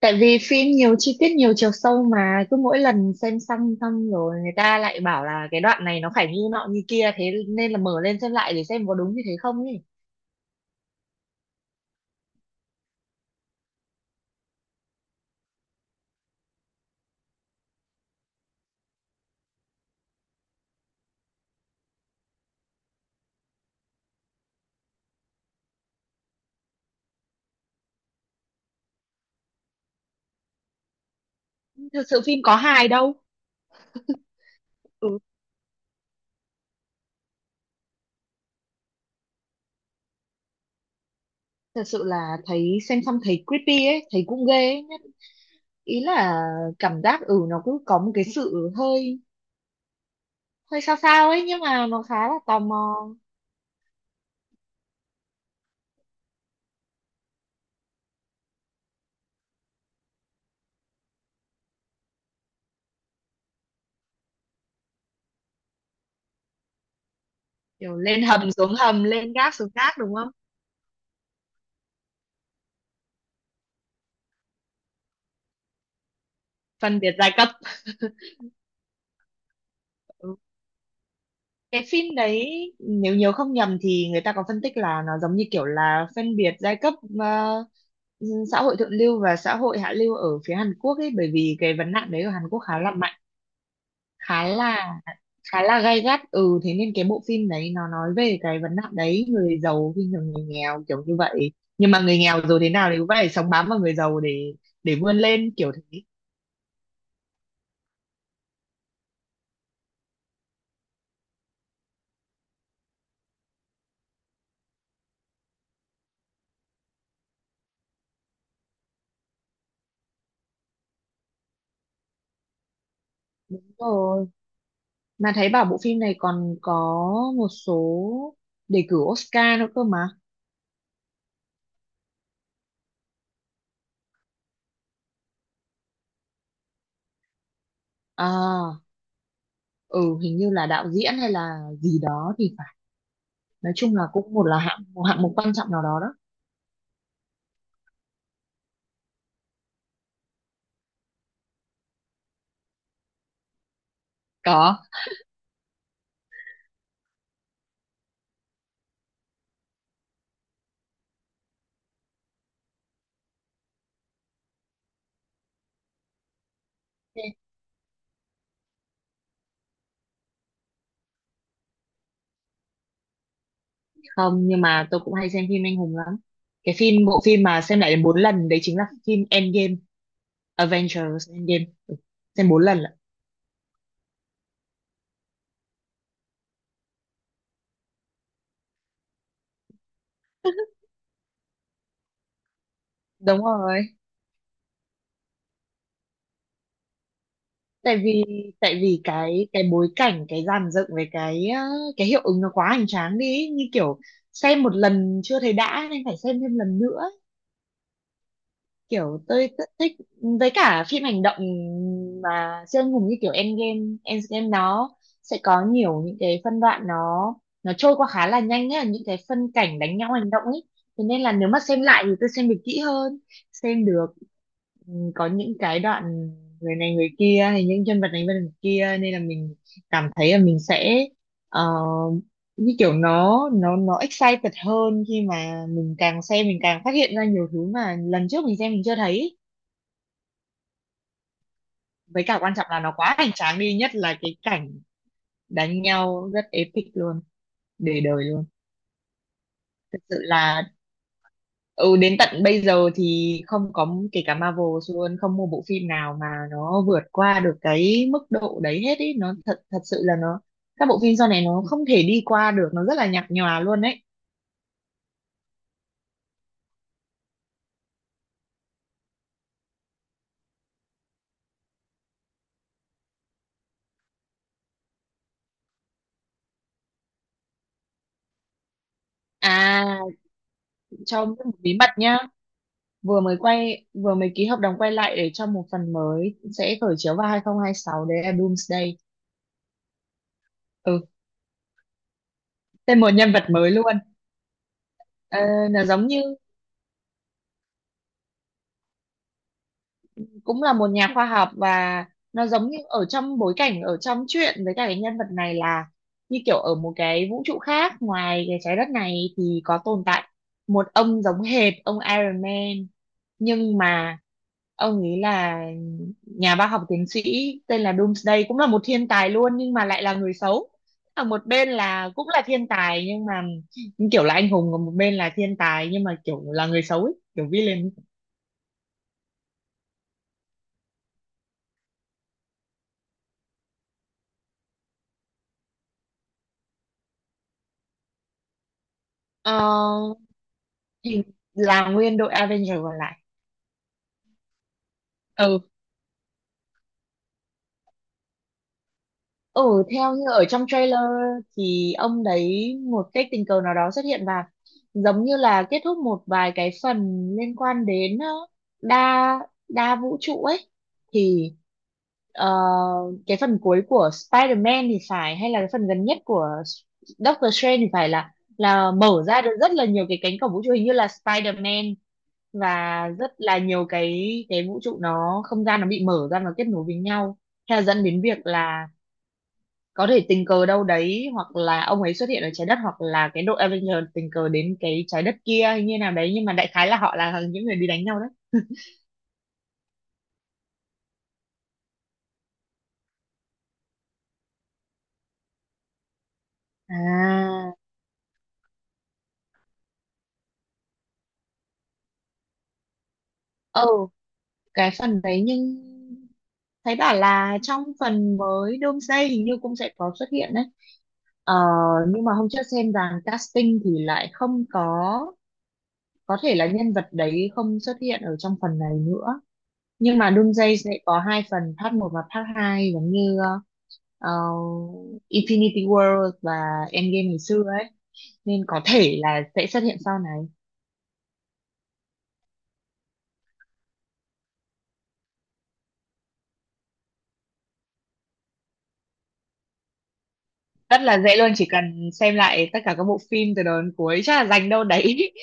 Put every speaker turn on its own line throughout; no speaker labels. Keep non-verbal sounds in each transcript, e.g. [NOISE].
Tại vì phim nhiều chi tiết nhiều chiều sâu mà cứ mỗi lần xem xong xong rồi người ta lại bảo là cái đoạn này nó phải như nọ như kia, thế nên là mở lên xem lại để xem có đúng như thế không ấy. Thực sự phim có hài đâu. Ừ, thật sự là thấy xem xong thấy creepy ấy, thấy cũng ghê ấy. Nhất- ý là cảm giác, ừ, nó cứ có một cái sự hơi hơi sao sao ấy nhưng mà nó khá là tò mò. Kiểu lên hầm xuống hầm, lên gác xuống gác, đúng không? Phân biệt giai cấp. Cái phim đấy, nếu nhớ không nhầm thì người ta có phân tích là nó giống như kiểu là phân biệt giai cấp, ờ, xã hội thượng lưu và xã hội hạ lưu ở phía Hàn Quốc ấy, bởi vì cái vấn nạn đấy ở Hàn Quốc khá là mạnh, khá là khá là gay gắt. Ừ, thế nên cái bộ phim đấy nó nói về cái vấn nạn đấy, người giàu khi thường người nghèo kiểu như vậy. Nhưng mà người nghèo rồi thế nào thì cũng phải sống bám vào người giàu để vươn lên kiểu thế. Đúng rồi, mà thấy bảo bộ phim này còn có một số đề cử Oscar nữa cơ mà. À, ừ, hình như là đạo diễn hay là gì đó thì phải, nói chung là cũng một là hạng, một hạng mục quan trọng nào đó đó. Có. Thế không, nhưng mà tôi cũng hay xem phim anh hùng lắm. Cái phim, bộ phim mà xem lại đến 4 lần đấy chính là phim Endgame. Avengers Endgame, ừ, xem 4 lần lận. Đúng rồi. tại vì tại vì cái bối cảnh, cái dàn dựng với cái cái hiệu ứng nó quá hoành tráng đi, như kiểu xem một lần chưa thấy đã nên phải xem thêm lần nữa. Kiểu tôi rất thích, với cả phim hành động mà siêu anh hùng như kiểu Endgame. Endgame nó sẽ có nhiều những cái phân đoạn nó trôi qua khá là nhanh ấy, những cái phân cảnh đánh nhau hành động ấy. Thế nên là nếu mà xem lại thì tôi xem được kỹ hơn, xem được, ừ, có những cái đoạn người này người kia hay những nhân vật này nhân vật kia, nên là mình cảm thấy là mình sẽ ờ, như kiểu nó excited hơn, khi mà càng xem mình càng phát hiện ra nhiều thứ mà lần trước mình xem mình chưa thấy. Với cả quan trọng là nó quá hoành tráng đi, nhất là cái cảnh đánh nhau rất epic luôn, để đời luôn. Thật sự là, ừ, đến tận bây giờ thì không có, kể cả Marvel luôn, không một bộ phim nào mà nó vượt qua được cái mức độ đấy hết ý, nó thật, thật sự là nó, các bộ phim sau này nó không thể đi qua được, nó rất là nhạt nhòa luôn đấy. À, cho biết một bí mật nhá. Vừa mới quay, vừa mới ký hợp đồng quay lại để cho một phần mới sẽ khởi chiếu vào 2026, đấy là Doomsday. Ừ, tên một nhân vật mới luôn. Ờ, là giống như cũng là một nhà khoa học, và nó giống như ở trong bối cảnh ở trong truyện, với cả cái nhân vật này là như kiểu ở một cái vũ trụ khác, ngoài cái trái đất này thì có tồn tại một ông giống hệt ông Iron Man, nhưng mà ông ấy là nhà bác học tiến sĩ tên là Doomsday, cũng là một thiên tài luôn nhưng mà lại là người xấu. Ở một bên là cũng là thiên tài, nhưng mà như kiểu là anh hùng, còn một bên là thiên tài nhưng mà kiểu là người xấu ấy, kiểu villain. Ờ, thì là nguyên đội Avenger còn lại. Ừ. Ừ, theo như ở trong trailer thì ông đấy một cách tình cờ nào đó xuất hiện và giống như là kết thúc một vài cái phần liên quan đến đa đa vũ trụ ấy. Thì ờ, cái phần cuối của Spider-Man thì phải, hay là cái phần gần nhất của Doctor Strange thì phải, là mở ra được rất là nhiều cái cánh cổng vũ trụ, hình như là Spider-Man, và rất là nhiều cái vũ trụ nó, không gian nó bị mở ra, nó kết nối với nhau, theo dẫn đến việc là có thể tình cờ đâu đấy hoặc là ông ấy xuất hiện ở trái đất, hoặc là cái đội Avenger tình cờ đến cái trái đất kia hay như nào đấy, nhưng mà đại khái là họ là những người đi đánh nhau đấy. À, ừ, cái phần đấy. Nhưng thấy bảo là trong phần mới Doomsday hình như cũng sẽ có xuất hiện đấy. Ờ, nhưng mà hôm trước xem dàn casting thì lại không có, có thể là nhân vật đấy không xuất hiện ở trong phần này nữa. Nhưng mà Doomsday sẽ có 2 phần, part 1 và part 2, giống như ờ, Infinity War và Endgame ngày xưa ấy, nên có thể là sẽ xuất hiện sau này. Rất là dễ luôn, chỉ cần xem lại tất cả các bộ phim từ đầu đến cuối, chắc là dành đâu đấy [LAUGHS]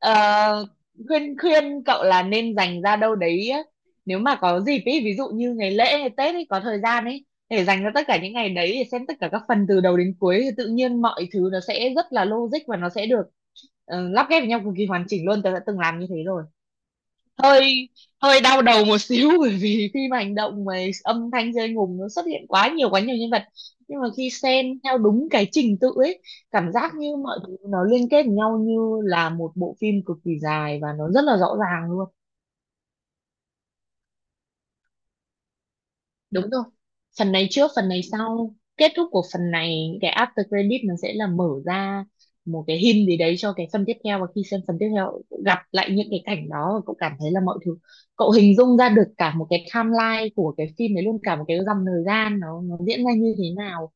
Ờ, khuyên khuyên cậu là nên dành ra đâu đấy á. Nếu mà có dịp ý, ví dụ như ngày lễ hay Tết ấy, có thời gian ấy để dành ra tất cả những ngày đấy để xem tất cả các phần từ đầu đến cuối, thì tự nhiên mọi thứ nó sẽ rất là logic, và nó sẽ được lắp ghép với nhau cực kỳ hoàn chỉnh luôn. Tớ đã từng làm như thế rồi. Hơi hơi đau đầu một [LAUGHS] xíu, bởi vì khi mà hành động mà âm thanh rơi ngùng, nó xuất hiện quá nhiều, quá nhiều nhân vật, nhưng mà khi xen theo đúng cái trình tự ấy, cảm giác như mọi thứ nó liên kết với nhau như là một bộ phim cực kỳ dài, và nó rất là rõ ràng luôn. Đúng rồi, phần này trước phần này sau, kết thúc của phần này cái after credit nó sẽ là mở ra một cái hint gì đấy cho cái phần tiếp theo, và khi xem phần tiếp theo cậu gặp lại những cái cảnh đó, và cậu cảm thấy là mọi thứ, cậu hình dung ra được cả một cái timeline của cái phim đấy luôn, cả một cái dòng thời gian nó diễn ra như thế nào,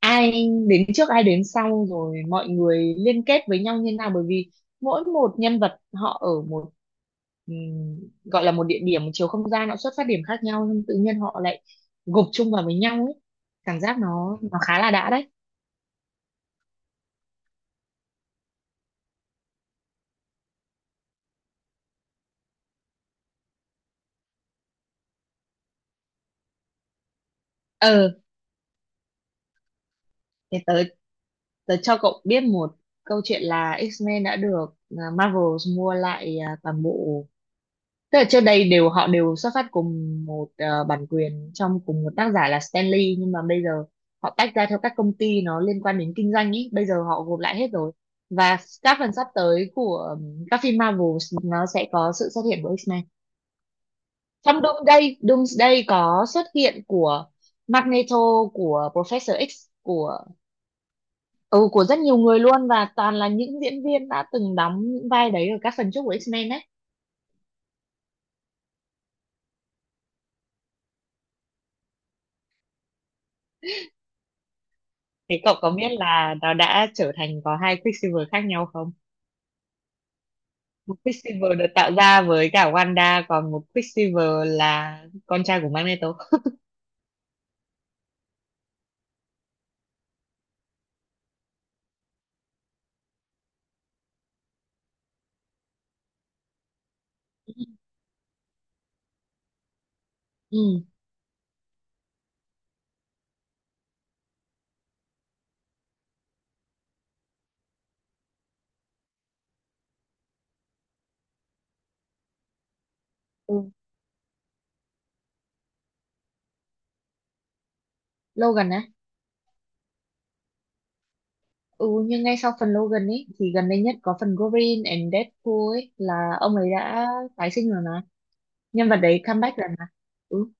ai trước ai đến sau, rồi mọi người liên kết với nhau như nào. Bởi vì mỗi một nhân vật họ ở một, ừm, gọi là một địa điểm, một chiều không gian, họ xuất phát điểm khác nhau, nhưng tự nhiên họ lại gộp chung vào với nhau ấy. Cảm giác nó khá là đã đấy. Ờ, thì tớ tớ cho cậu biết một câu chuyện, là X-Men đã được, à, Marvel mua lại, à, toàn bộ. Tức là trước đây đều, họ đều xuất phát cùng một bản quyền, trong cùng một tác giả là Stanley, nhưng mà bây giờ họ tách ra theo các công ty, nó liên quan đến kinh doanh ý, bây giờ họ gộp lại hết rồi. Và các phần sắp tới của các phim Marvel nó sẽ có sự xuất hiện của X-Men. Trong Doomsday, Doomsday có xuất hiện của Magneto, của Professor X, của, ừ, của rất nhiều người luôn, và toàn là những diễn viên đã từng đóng những vai đấy ở các phần trước của X-Men đấy. Thế cậu có biết là nó đã trở thành có 2 Quicksilver khác nhau không? Một Quicksilver được tạo ra với cả Wanda, còn một Quicksilver là con trai của Magneto. Ừ, ừ. Ừ. Logan á. Ừ, nhưng ngay sau phần Logan ấy thì gần đây nhất có phần Wolverine and Deadpool ấy, là ông ấy đã tái sinh rồi mà, nhân vật đấy comeback rồi mà. Ừ,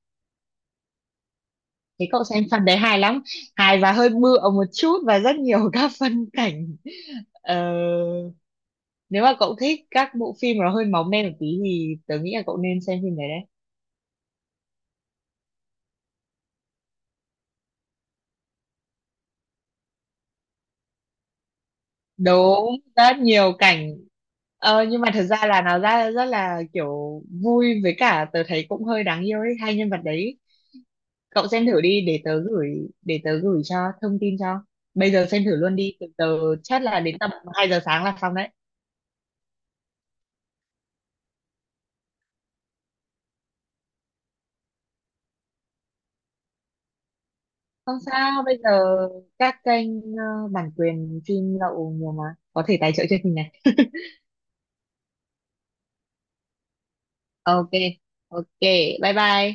thế cậu xem phần đấy hài lắm, hài và hơi bựa một chút và rất nhiều [LAUGHS] các phân cảnh. Ờ, nếu mà cậu thích các bộ phim nó hơi máu me một tí thì tớ nghĩ là cậu nên xem phim đấy đấy. Đúng, rất nhiều cảnh. Ờ, nhưng mà thật ra là nó ra rất là kiểu vui, với cả tớ thấy cũng hơi đáng yêu ấy, hai nhân vật đấy. Cậu xem thử đi, để tớ gửi, để tớ gửi cho thông tin cho, bây giờ xem thử luôn đi. Tớ tớ chắc là đến tầm 2 giờ sáng là xong đấy. Không sao, bây giờ các kênh bản quyền phim lậu nhiều mà, có thể tài trợ cho mình này [LAUGHS] ok, ok, bye bye.